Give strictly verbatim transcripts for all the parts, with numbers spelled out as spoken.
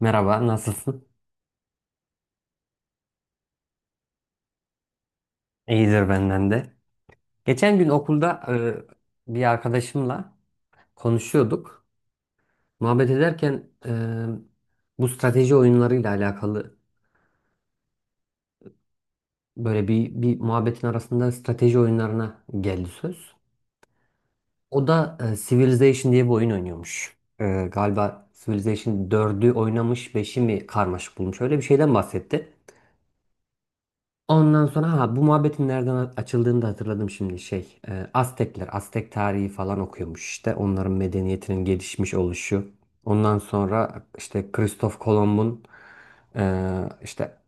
Merhaba, nasılsın? İyidir benden de. Geçen gün okulda e, bir arkadaşımla konuşuyorduk. Muhabbet ederken e, bu strateji oyunlarıyla alakalı böyle bir, bir muhabbetin arasında strateji oyunlarına geldi söz. O da e, Civilization diye bir oyun oynuyormuş. E, galiba Civilization dördü oynamış, beşi mi karmaşık bulmuş. Öyle bir şeyden bahsetti. Ondan sonra ha bu muhabbetin nereden açıldığını da hatırladım şimdi şey e, Aztekler Aztek tarihi falan okuyormuş işte onların medeniyetinin gelişmiş oluşu. Ondan sonra işte Kristof Kolomb'un e, işte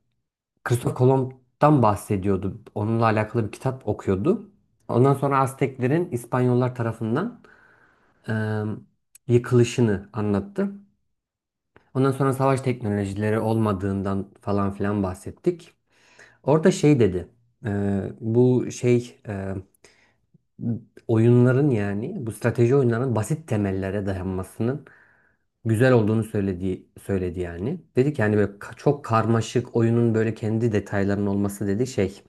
Kristof Kolomb'dan bahsediyordu. Onunla alakalı bir kitap okuyordu. Ondan sonra Azteklerin İspanyollar tarafından e, yıkılışını anlattı. Ondan sonra savaş teknolojileri olmadığından falan filan bahsettik. Orada şey dedi. E, bu şey e, oyunların yani bu strateji oyunlarının basit temellere dayanmasının güzel olduğunu söyledi söyledi yani. Dedi ki hani böyle ka- çok karmaşık oyunun böyle kendi detaylarının olması dedi şey.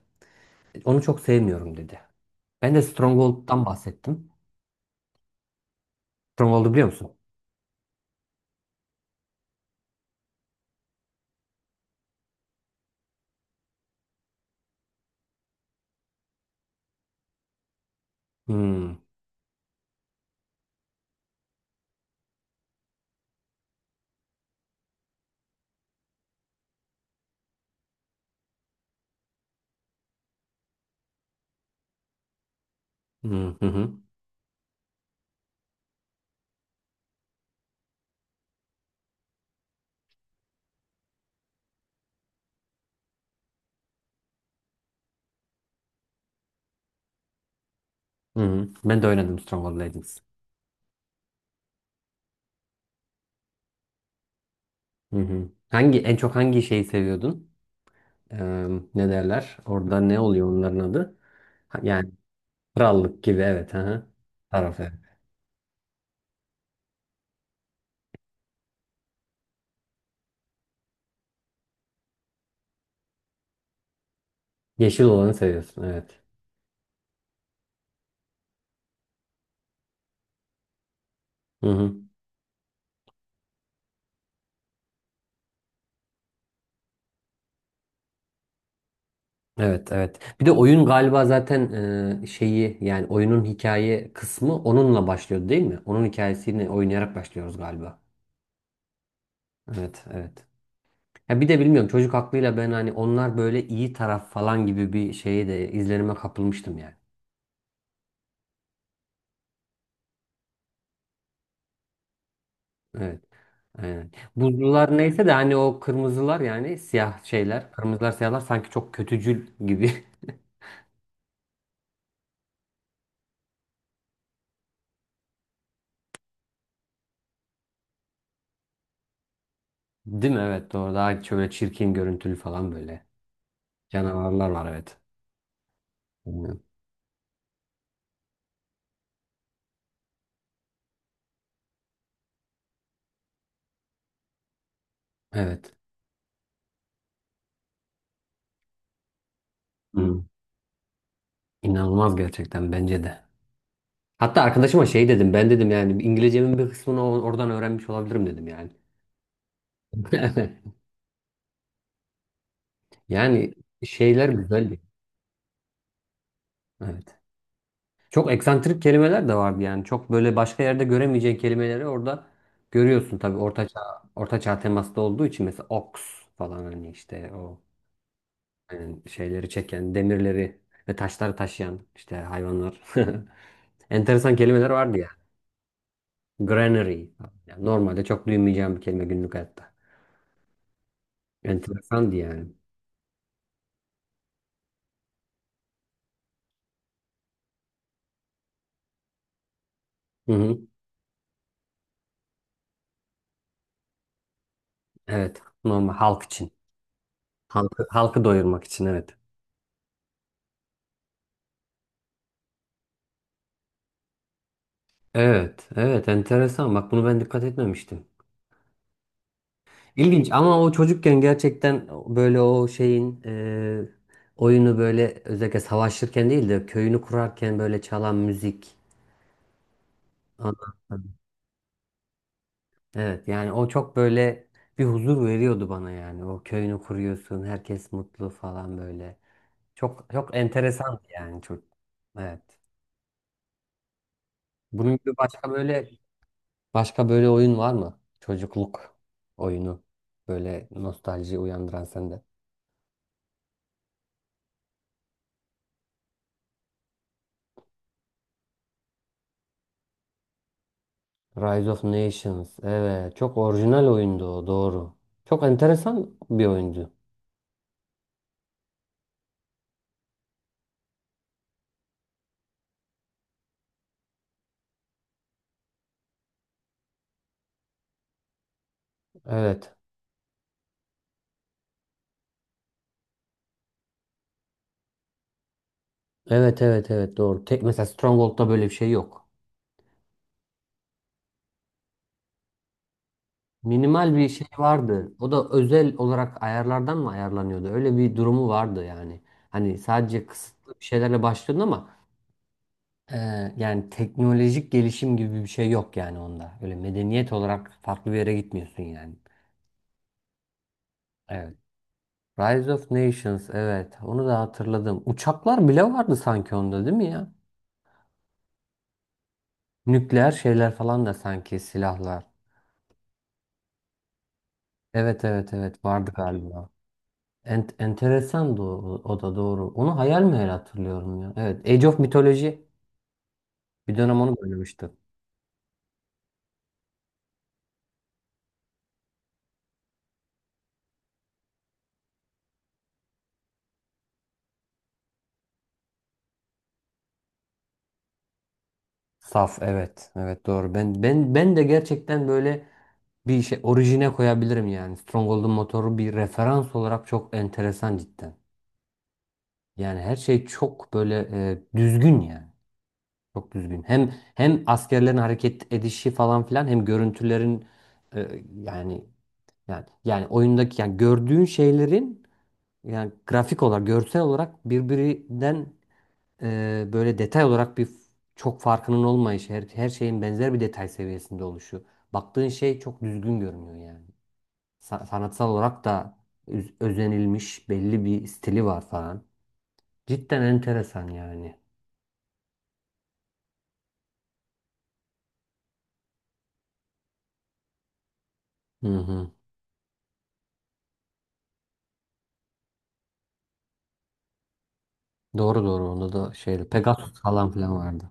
Onu çok sevmiyorum dedi. Ben de Stronghold'dan bahsettim. Stronghold'u biliyor musun? Hmm. Hı hı hı. Hı hı. Ben de oynadım Stronghold Legends. Hı hı. Hangi en çok hangi şeyi seviyordun? Eee, ne derler? Orada ne oluyor onların adı? Ha, yani krallık gibi, evet. Aha. Taraf, evet. Yeşil olanı seviyorsun, evet. Hı hı. Evet, evet. Bir de oyun galiba zaten eee, şeyi yani oyunun hikaye kısmı onunla başlıyor değil mi? Onun hikayesini oynayarak başlıyoruz galiba. Evet, evet. Ya bir de bilmiyorum çocuk aklıyla ben hani onlar böyle iyi taraf falan gibi bir şeye de izlenime kapılmıştım yani. Evet. Aynen. Buzlular neyse de hani o kırmızılar yani siyah şeyler, kırmızılar siyahlar sanki çok kötücül gibi. Değil mi? Evet, doğru. Daha şöyle çirkin görüntülü falan böyle. Canavarlar var, evet. Bilmiyorum. Evet. Hı. İnanılmaz gerçekten, bence de. Hatta arkadaşıma şey dedim, ben dedim yani İngilizcemin bir kısmını o- oradan öğrenmiş olabilirim dedim yani. Yani şeyler güzel. Evet. Çok eksantrik kelimeler de vardı yani. Çok böyle başka yerde göremeyeceğin kelimeleri orada görüyorsun, tabii ortaçağ ortaçağ temaslı olduğu için, mesela oks falan, hani işte o yani şeyleri çeken, demirleri ve taşları taşıyan işte hayvanlar. Enteresan kelimeler vardı ya. Granary falan. Yani normalde çok duymayacağım bir kelime günlük hayatta. Enteresandı yani. Hı hı. Evet. Normal halk için. Halkı, halkı doyurmak için, evet. Evet, evet, enteresan. Bak bunu ben dikkat etmemiştim. İlginç ama o çocukken gerçekten böyle o şeyin e, oyunu böyle özellikle savaşırken değil de köyünü kurarken böyle çalan müzik. Anladım. Evet yani o çok böyle bir huzur veriyordu bana yani. O köyünü kuruyorsun, herkes mutlu falan böyle. Çok çok enteresan yani, çok. Evet. Bunun gibi başka böyle başka böyle oyun var mı? Çocukluk oyunu böyle nostalji uyandıran sende. Rise of Nations. Evet. Çok orijinal oyundu o. Doğru. Çok enteresan bir oyundu. Evet. Evet, evet, evet, doğru. Tek, mesela Stronghold'da böyle bir şey yok. Minimal bir şey vardı. O da özel olarak ayarlardan mı ayarlanıyordu? Öyle bir durumu vardı yani. Hani sadece kısıtlı bir şeylerle başlıyordun ama e, yani teknolojik gelişim gibi bir şey yok yani onda. Öyle medeniyet olarak farklı bir yere gitmiyorsun yani. Evet. Rise of Nations, evet onu da hatırladım. Uçaklar bile vardı sanki onda, değil mi ya? Nükleer şeyler falan da sanki, silahlar. Evet, evet, evet vardı galiba. En enteresan da o, o da doğru. Onu hayal meyal hatırlıyorum ya. Evet, Age of Mythology, bir dönem onu da oynamıştım. Saf, evet, evet, doğru. Ben ben ben de gerçekten böyle bir şey orijine koyabilirim yani. Stronghold'un motoru bir referans olarak çok enteresan cidden. Yani her şey çok böyle e, düzgün yani. Çok düzgün. Hem hem askerlerin hareket edişi falan filan, hem görüntülerin e, yani yani yani oyundaki yani gördüğün şeylerin yani grafik olarak, görsel olarak birbirinden e, böyle detay olarak bir çok farkının olmayışı, her, her şeyin benzer bir detay seviyesinde oluşu. Baktığın şey çok düzgün görünüyor yani. Sa- sanatsal olarak da üz- özenilmiş belli bir stili var falan. Cidden enteresan yani. Hı hı. Doğru, doğru, onda da şeydi. Pegasus falan filan vardı.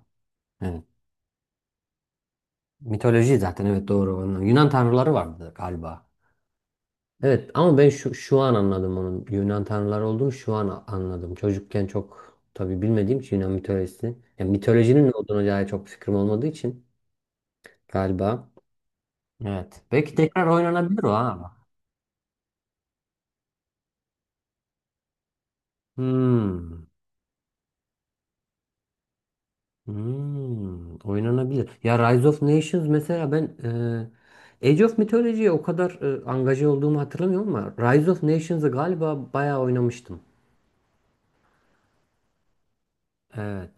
Evet. Mitoloji zaten, evet doğru. Ondan. Yunan tanrıları vardı galiba. Evet ama ben şu, şu an anladım onun Yunan tanrıları olduğunu, şu an a- anladım. Çocukken çok tabii bilmediğim için Yunan mitolojisini. Yani mitolojinin ne olduğuna dair çok fikrim olmadığı için galiba. Evet. Belki tekrar oynanabilir o, ha. Hmm. Hmm, oynanabilir. Ya Rise of Nations mesela ben e, Age of Mythology'ye o kadar e, angaje olduğumu hatırlamıyorum ama Rise of Nations'ı galiba bayağı oynamıştım. Evet.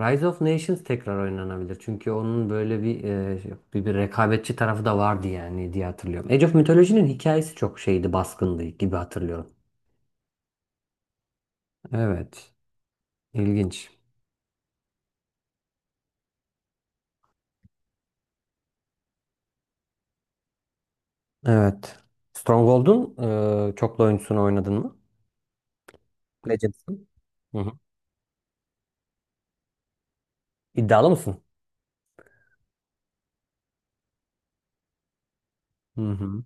Rise of Nations tekrar oynanabilir. Çünkü onun böyle bir e, bir, bir rekabetçi tarafı da vardı yani diye hatırlıyorum. Age of Mythology'nin hikayesi çok şeydi, baskındı gibi hatırlıyorum. Evet. İlginç. Evet. Stronghold'un e, çoklu oyuncusunu oynadın mı? Legends'ın. Hı hı. İddialı mısın? Hı hı.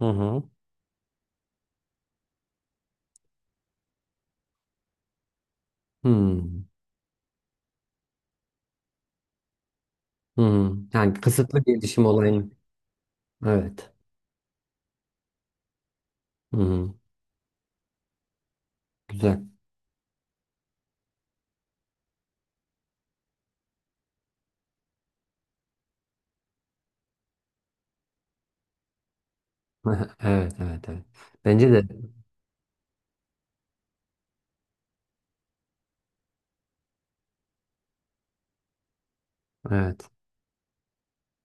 Hı hı. Hmm. Hı. Yani kısıtlı gelişim olayını. Evet. Hı hı. Güzel. Evet, evet, evet. Bence de, evet.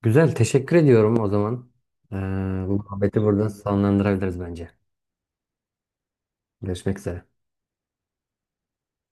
Güzel. Teşekkür ediyorum o zaman. Ee, bu muhabbeti burada sonlandırabiliriz bence. Görüşmek üzere.